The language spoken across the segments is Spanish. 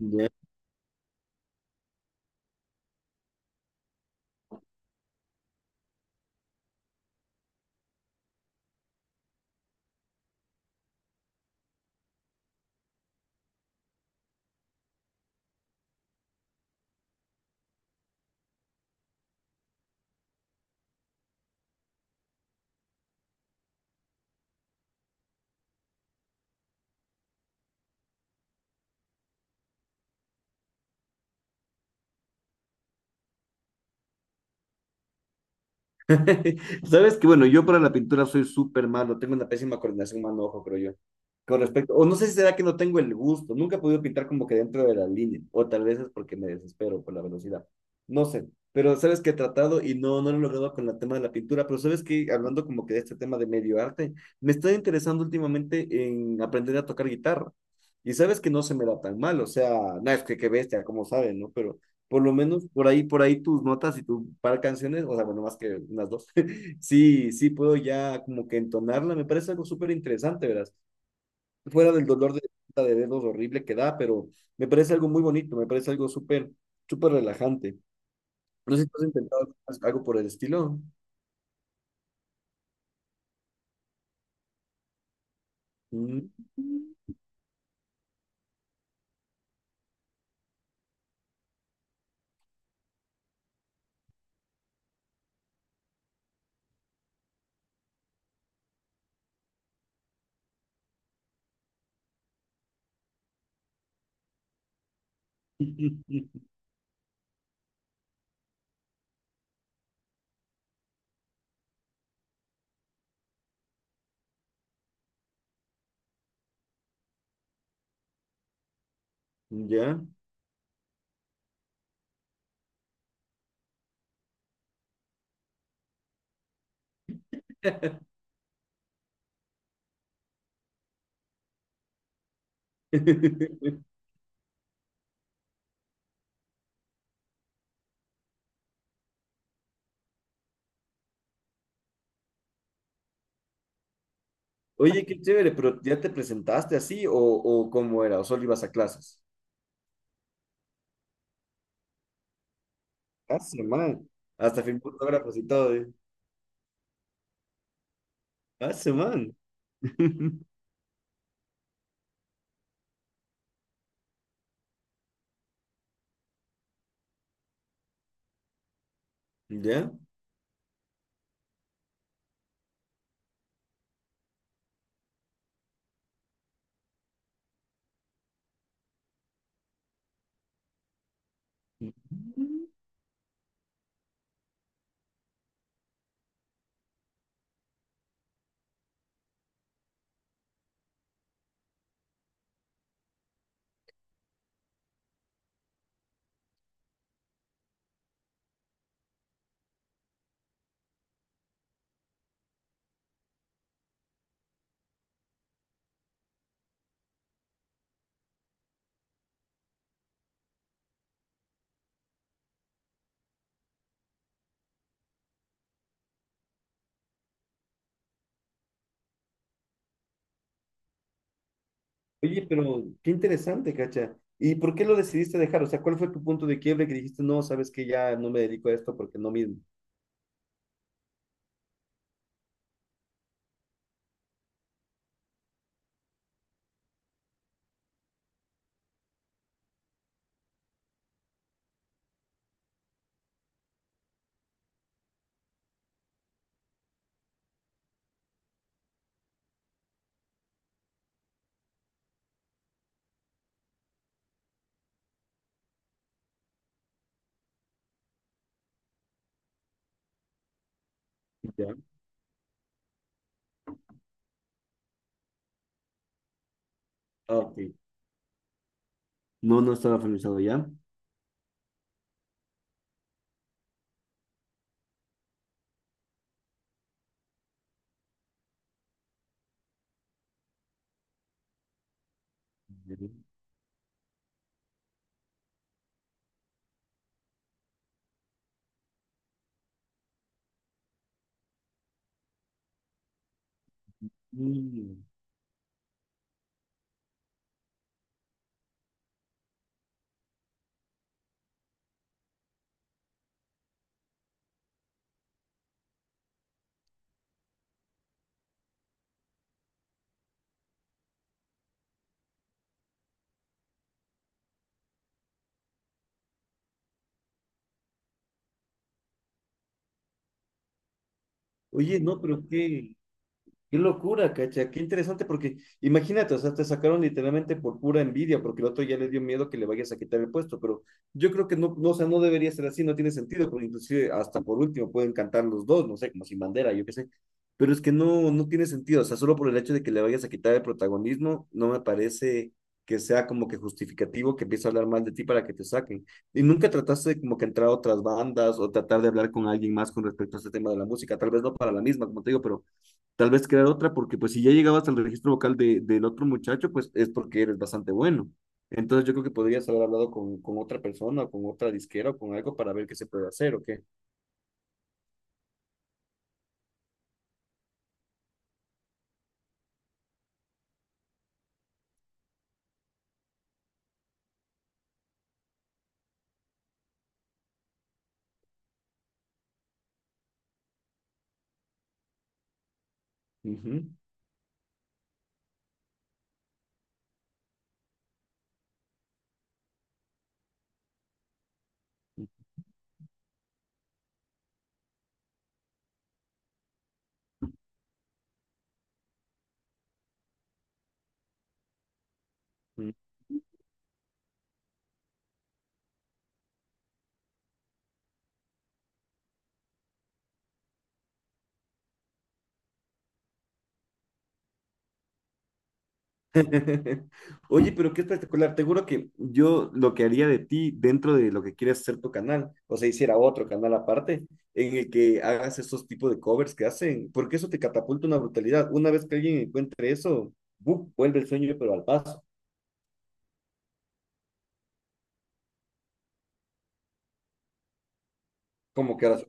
Ya. Sabes que, bueno, yo para la pintura soy súper malo, tengo una pésima coordinación mano-ojo, creo yo. Con respecto, o no sé si será que no tengo el gusto, nunca he podido pintar como que dentro de la línea, o tal vez es porque me desespero por la velocidad, no sé, pero sabes que he tratado y no lo he logrado con el tema de la pintura, pero sabes que hablando como que de este tema de medio arte, me está interesando últimamente en aprender a tocar guitarra, y sabes que no se me da tan mal, o sea, nada, es que qué bestia, como saben, ¿no? Por lo menos por ahí tus notas y tu par de canciones, o sea, bueno, más que unas dos, sí puedo ya como que entonarla, me parece algo súper interesante, ¿verdad? Fuera del de dedos horrible que da, pero me parece algo muy bonito, me parece algo súper relajante. No sé si tú has intentado algo por el estilo. Mm. Ya. Oye, qué chévere, pero ¿ya te presentaste así o cómo era? ¿O solo ibas a clases? Hace man. Hasta firmó autógrafos y todo, ¿eh? Hace man. ¿Ya? Oye, pero qué interesante, Cacha. ¿Y por qué lo decidiste dejar? O sea, ¿cuál fue tu punto de quiebre que dijiste, no, sabes que ya no me dedico a esto porque no mismo? Ya. Ah, ok. No, no estaba familiarizado ya. Mm. Oye, no, qué locura, cacha, qué interesante, porque imagínate, o sea, te sacaron literalmente por pura envidia, porque el otro ya le dio miedo que le vayas a quitar el puesto, pero yo creo que no, no, o sea, no debería ser así, no tiene sentido, porque inclusive hasta por último pueden cantar los dos, no sé, como sin bandera, yo qué sé, pero es que no, no tiene sentido, o sea, solo por el hecho de que le vayas a quitar el protagonismo, no me parece que sea como que justificativo que empiece a hablar mal de ti para que te saquen. Y nunca trataste de como que entrar a otras bandas o tratar de hablar con alguien más con respecto a este tema de la música, tal vez no para la misma, como te digo, pero tal vez crear otra, porque pues si ya llegabas al registro vocal de, del otro muchacho, pues es porque eres bastante bueno. Entonces yo creo que podrías haber hablado con otra persona, o con otra disquera, o con algo para ver qué se puede hacer o qué. Ujú. Mm. Oye, pero qué espectacular. Te juro que yo lo que haría de ti dentro de lo que quieres hacer tu canal, o sea, hiciera otro canal aparte en el que hagas esos tipos de covers que hacen, porque eso te catapulta una brutalidad. Una vez que alguien encuentre eso, ¡buf! Vuelve el sueño, pero al paso. Como que ahora.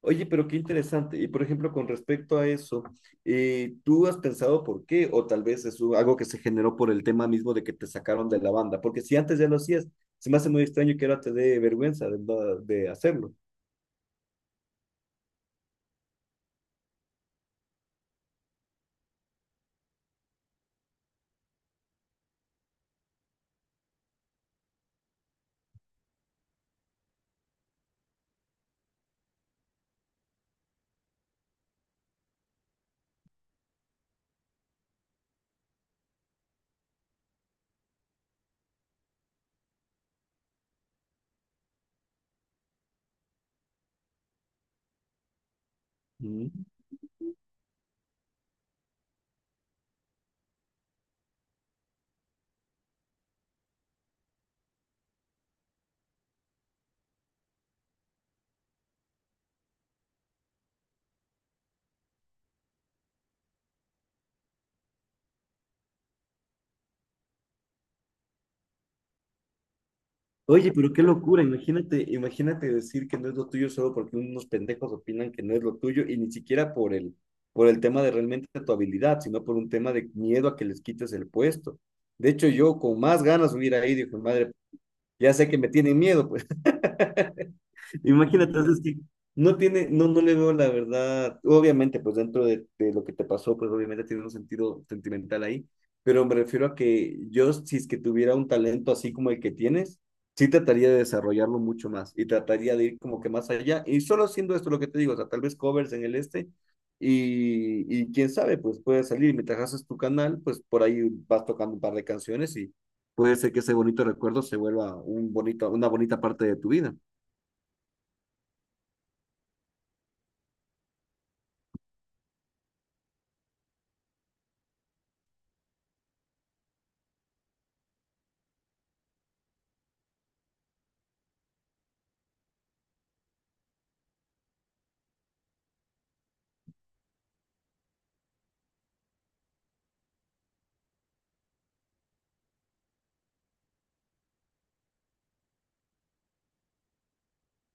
Oye, pero qué interesante. Y por ejemplo, con respecto a eso, ¿tú has pensado por qué? O tal vez es algo que se generó por el tema mismo de que te sacaron de la banda. Porque si antes ya lo hacías, se me hace muy extraño que ahora te dé vergüenza de, de hacerlo. Mm. Oye, pero qué locura. Imagínate, imagínate decir que no es lo tuyo solo porque unos pendejos opinan que no es lo tuyo y ni siquiera por el tema de realmente tu habilidad, sino por un tema de miedo a que les quites el puesto. De hecho, yo con más ganas hubiera ido, hijo de madre, ya sé que me tienen miedo, pues. Imagínate, entonces que no tiene, no, no le veo la verdad. Obviamente, pues dentro de lo que te pasó, pues obviamente tiene un sentido sentimental ahí, pero me refiero a que yo, si es que tuviera un talento así como el que tienes, sí trataría de desarrollarlo mucho más y trataría de ir como que más allá. Y solo haciendo esto, lo que te digo, o sea, tal vez covers en el este y quién sabe, pues puede salir. Mientras haces tu canal, pues por ahí vas tocando un par de canciones y puede ser que ese bonito recuerdo se vuelva un bonito, una bonita parte de tu vida.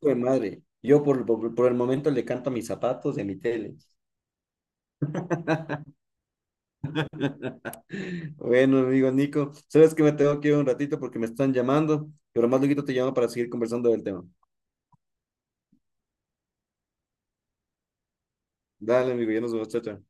Hijo de madre. Yo por el momento le canto a mis zapatos y a mi tele. Bueno, amigo Nico, sabes que me tengo que ir un ratito porque me están llamando, pero más luego te llamo para seguir conversando del tema. Dale, amigo, ya nos vemos, chao, chao.